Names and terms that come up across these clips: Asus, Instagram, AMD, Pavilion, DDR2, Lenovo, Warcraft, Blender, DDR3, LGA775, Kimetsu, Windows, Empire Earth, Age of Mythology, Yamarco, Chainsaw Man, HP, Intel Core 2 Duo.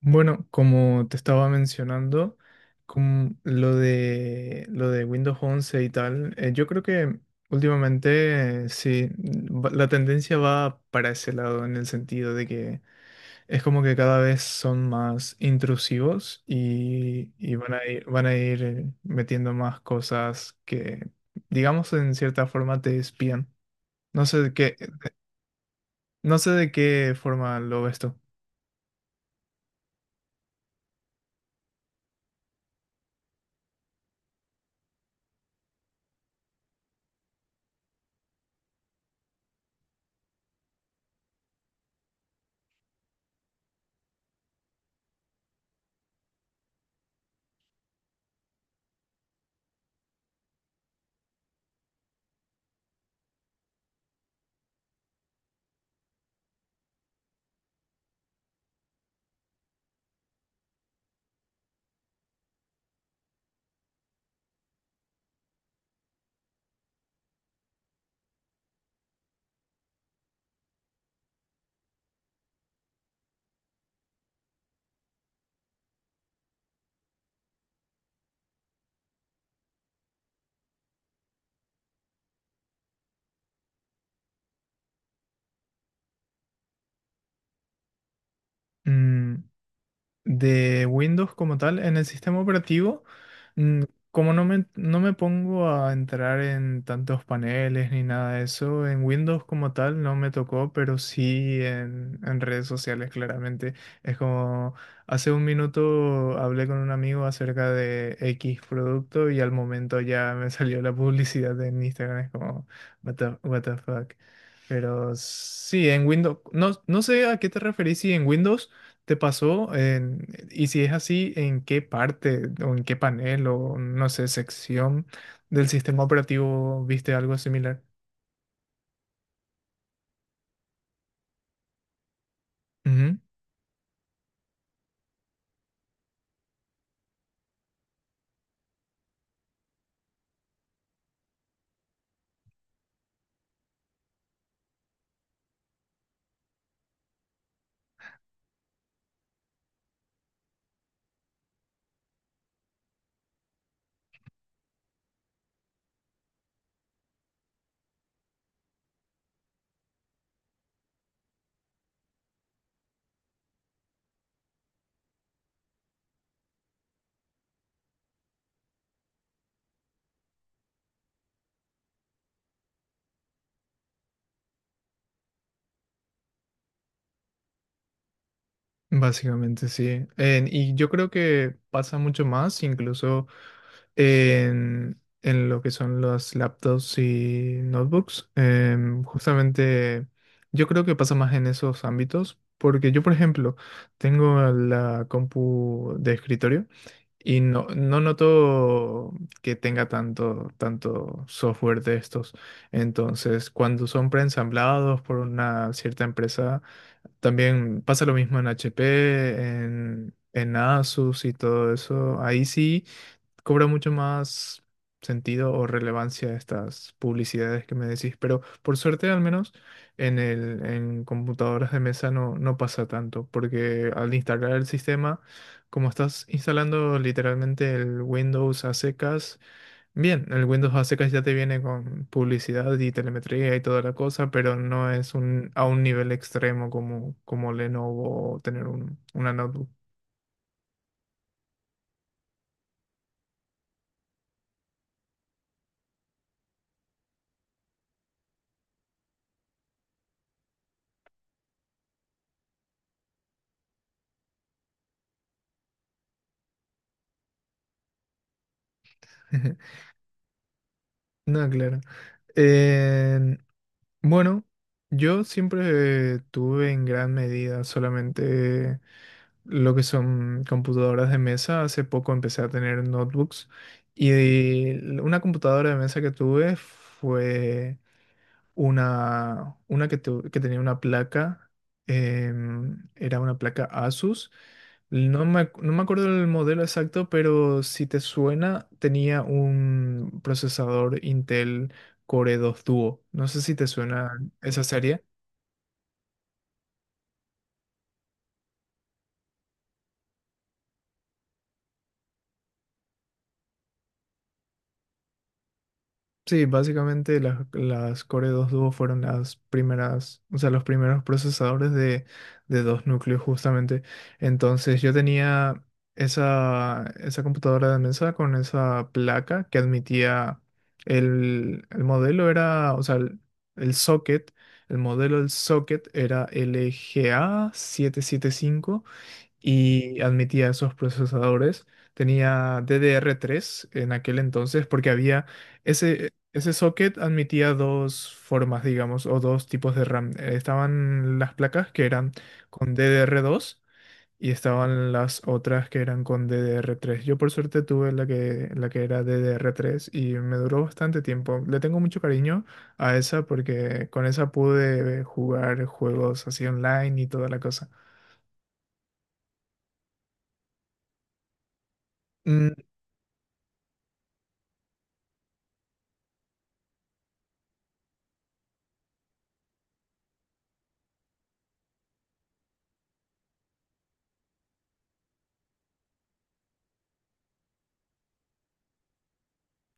Bueno, como te estaba mencionando, con lo de Windows 11 y tal, yo creo que últimamente sí, la tendencia va para ese lado, en el sentido de que es como que cada vez son más intrusivos y van a ir metiendo más cosas que, digamos, en cierta forma te espían. No sé de qué, no sé de qué forma lo ves tú. Mm, de Windows como tal, en el sistema operativo, mm, como no me pongo a entrar en tantos paneles ni nada de eso, en Windows como tal no me tocó, pero sí en redes sociales claramente. Es como, hace un minuto hablé con un amigo acerca de X producto y al momento ya me salió la publicidad en Instagram, es como, what the fuck. Pero sí, en Windows, no, no sé a qué te referís, ¿si en Windows te pasó? Y si es así, ¿en qué parte o en qué panel o no sé, sección del sistema operativo viste algo similar? Ujú. Básicamente sí. Y yo creo que pasa mucho más, incluso en lo que son los laptops y notebooks. Justamente yo creo que pasa más en esos ámbitos, porque yo, por ejemplo, tengo la compu de escritorio. Y no, no noto que tenga tanto, tanto software de estos. Entonces, cuando son preensamblados por una cierta empresa, también pasa lo mismo en HP, en Asus y todo eso. Ahí sí cobra mucho más sentido o relevancia estas publicidades que me decís, pero por suerte al menos en computadoras de mesa no, no pasa tanto, porque al instalar el sistema, como estás instalando literalmente el Windows a secas, bien, el Windows a secas ya te viene con publicidad y telemetría y toda la cosa, pero no es un, a un nivel extremo como Lenovo o tener una notebook. No, claro. Eh, bueno, yo siempre tuve en gran medida solamente lo que son computadoras de mesa. Hace poco empecé a tener notebooks y una computadora de mesa que tuve fue que tenía una placa, era una placa Asus. No me acuerdo el modelo exacto, pero si te suena, tenía un procesador Intel Core 2 Duo. No sé si te suena esa serie. Sí, básicamente las Core 2 Duo fueron las primeras, o sea, los primeros procesadores de dos núcleos justamente. Entonces yo tenía esa computadora de mesa con esa placa que admitía el, el modelo era, o sea, el, el socket, el modelo del socket era LGA775 y admitía esos procesadores. Tenía DDR3 en aquel entonces porque había ese socket admitía dos formas, digamos, o dos tipos de RAM. Estaban las placas que eran con DDR2 y estaban las otras que eran con DDR3. Yo por suerte tuve la que era DDR3 y me duró bastante tiempo. Le tengo mucho cariño a esa porque con esa pude jugar juegos así online y toda la cosa. Mm,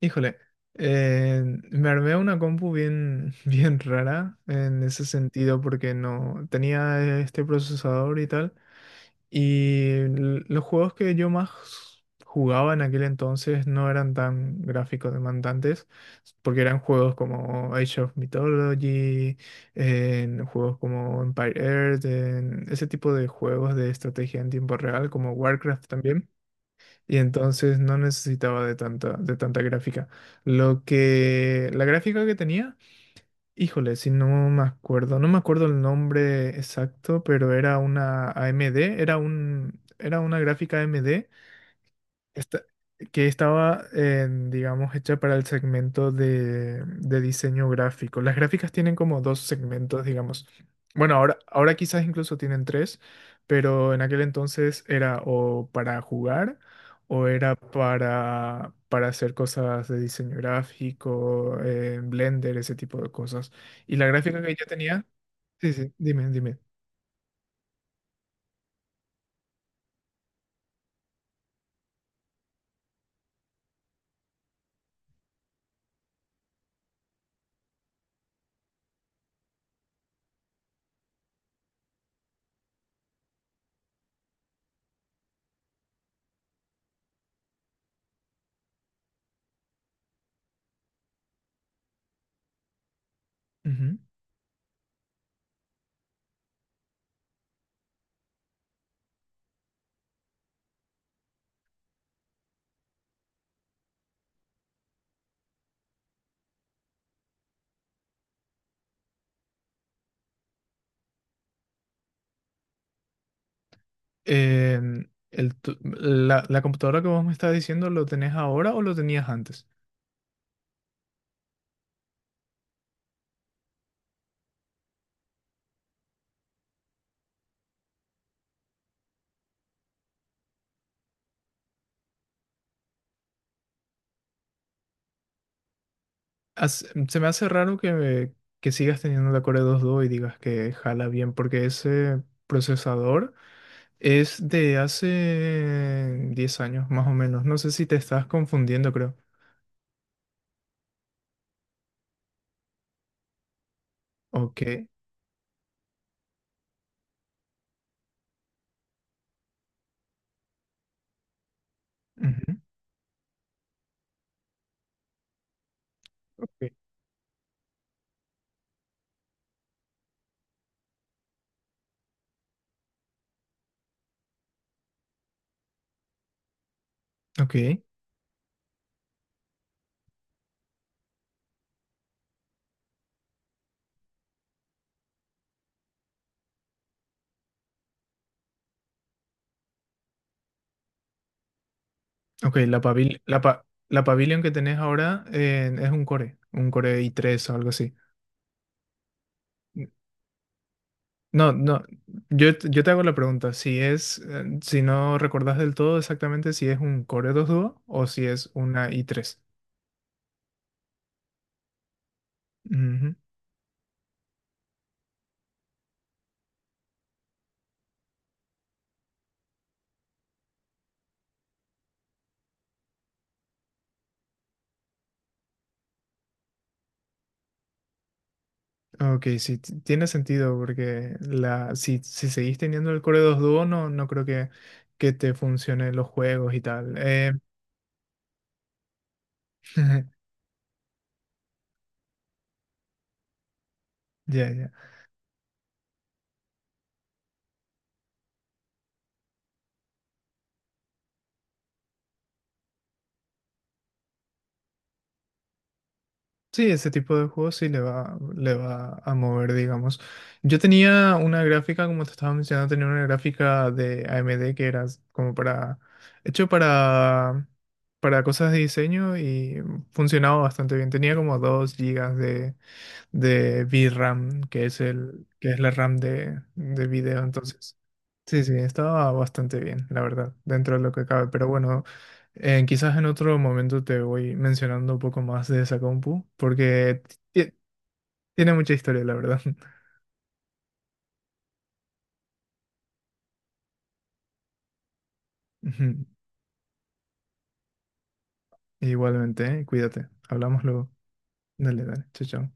Híjole, eh, me armé una compu bien, bien rara en ese sentido porque no tenía este procesador y tal. Y los juegos que yo más jugaba en aquel entonces no eran tan gráficos demandantes porque eran juegos como Age of Mythology, en juegos como Empire Earth, en ese tipo de juegos de estrategia en tiempo real como Warcraft también. Y entonces no necesitaba de tanta gráfica. Lo que, la gráfica que tenía, híjole, no me acuerdo el nombre exacto, pero era una AMD, era una gráfica AMD esta- que estaba, en, digamos, hecha para el segmento de diseño gráfico. Las gráficas tienen como dos segmentos, digamos. Bueno, ahora quizás incluso tienen tres, pero en aquel entonces era o para jugar o era para hacer cosas de diseño gráfico, en Blender, ese tipo de cosas. Y la gráfica que ella tenía, sí, sí, dime, dime. Eh, la computadora que vos me estás diciendo, ¿lo tenés ahora o lo tenías antes? Se me hace raro que sigas teniendo la Core 2.2 y digas que jala bien, porque ese procesador es de hace 10 años más o menos. No sé si te estás confundiendo, creo. Ok. Ujú. Ok. Ok, la Pavilion que tenés ahora es un Core, un Core i3 o algo así. No, no, yo te hago la pregunta, si es, si no recordás del todo exactamente si es un Core 2 Duo o si es una i3. Ujú. Ok, sí, tiene sentido porque si seguís teniendo el Core 2 Duo no, no creo que te funcionen los juegos y tal. Ya, ya. Sí, ese tipo de juegos sí le va a mover, digamos. Yo tenía una gráfica, como te estaba mencionando, tenía una gráfica de AMD que era como para, hecho para cosas de diseño y funcionaba bastante bien. Tenía como 2 gigas de VRAM, que es que es la RAM de video. Entonces, sí, sí, estaba bastante bien, la verdad, dentro de lo que cabe. Pero bueno, quizás en otro momento te voy mencionando un poco más de esa compu, porque ti- tiene mucha historia, la verdad. Ujú. Igualmente, ¿eh? Cuídate. Hablamos luego. Dale, dale. Chao, chao.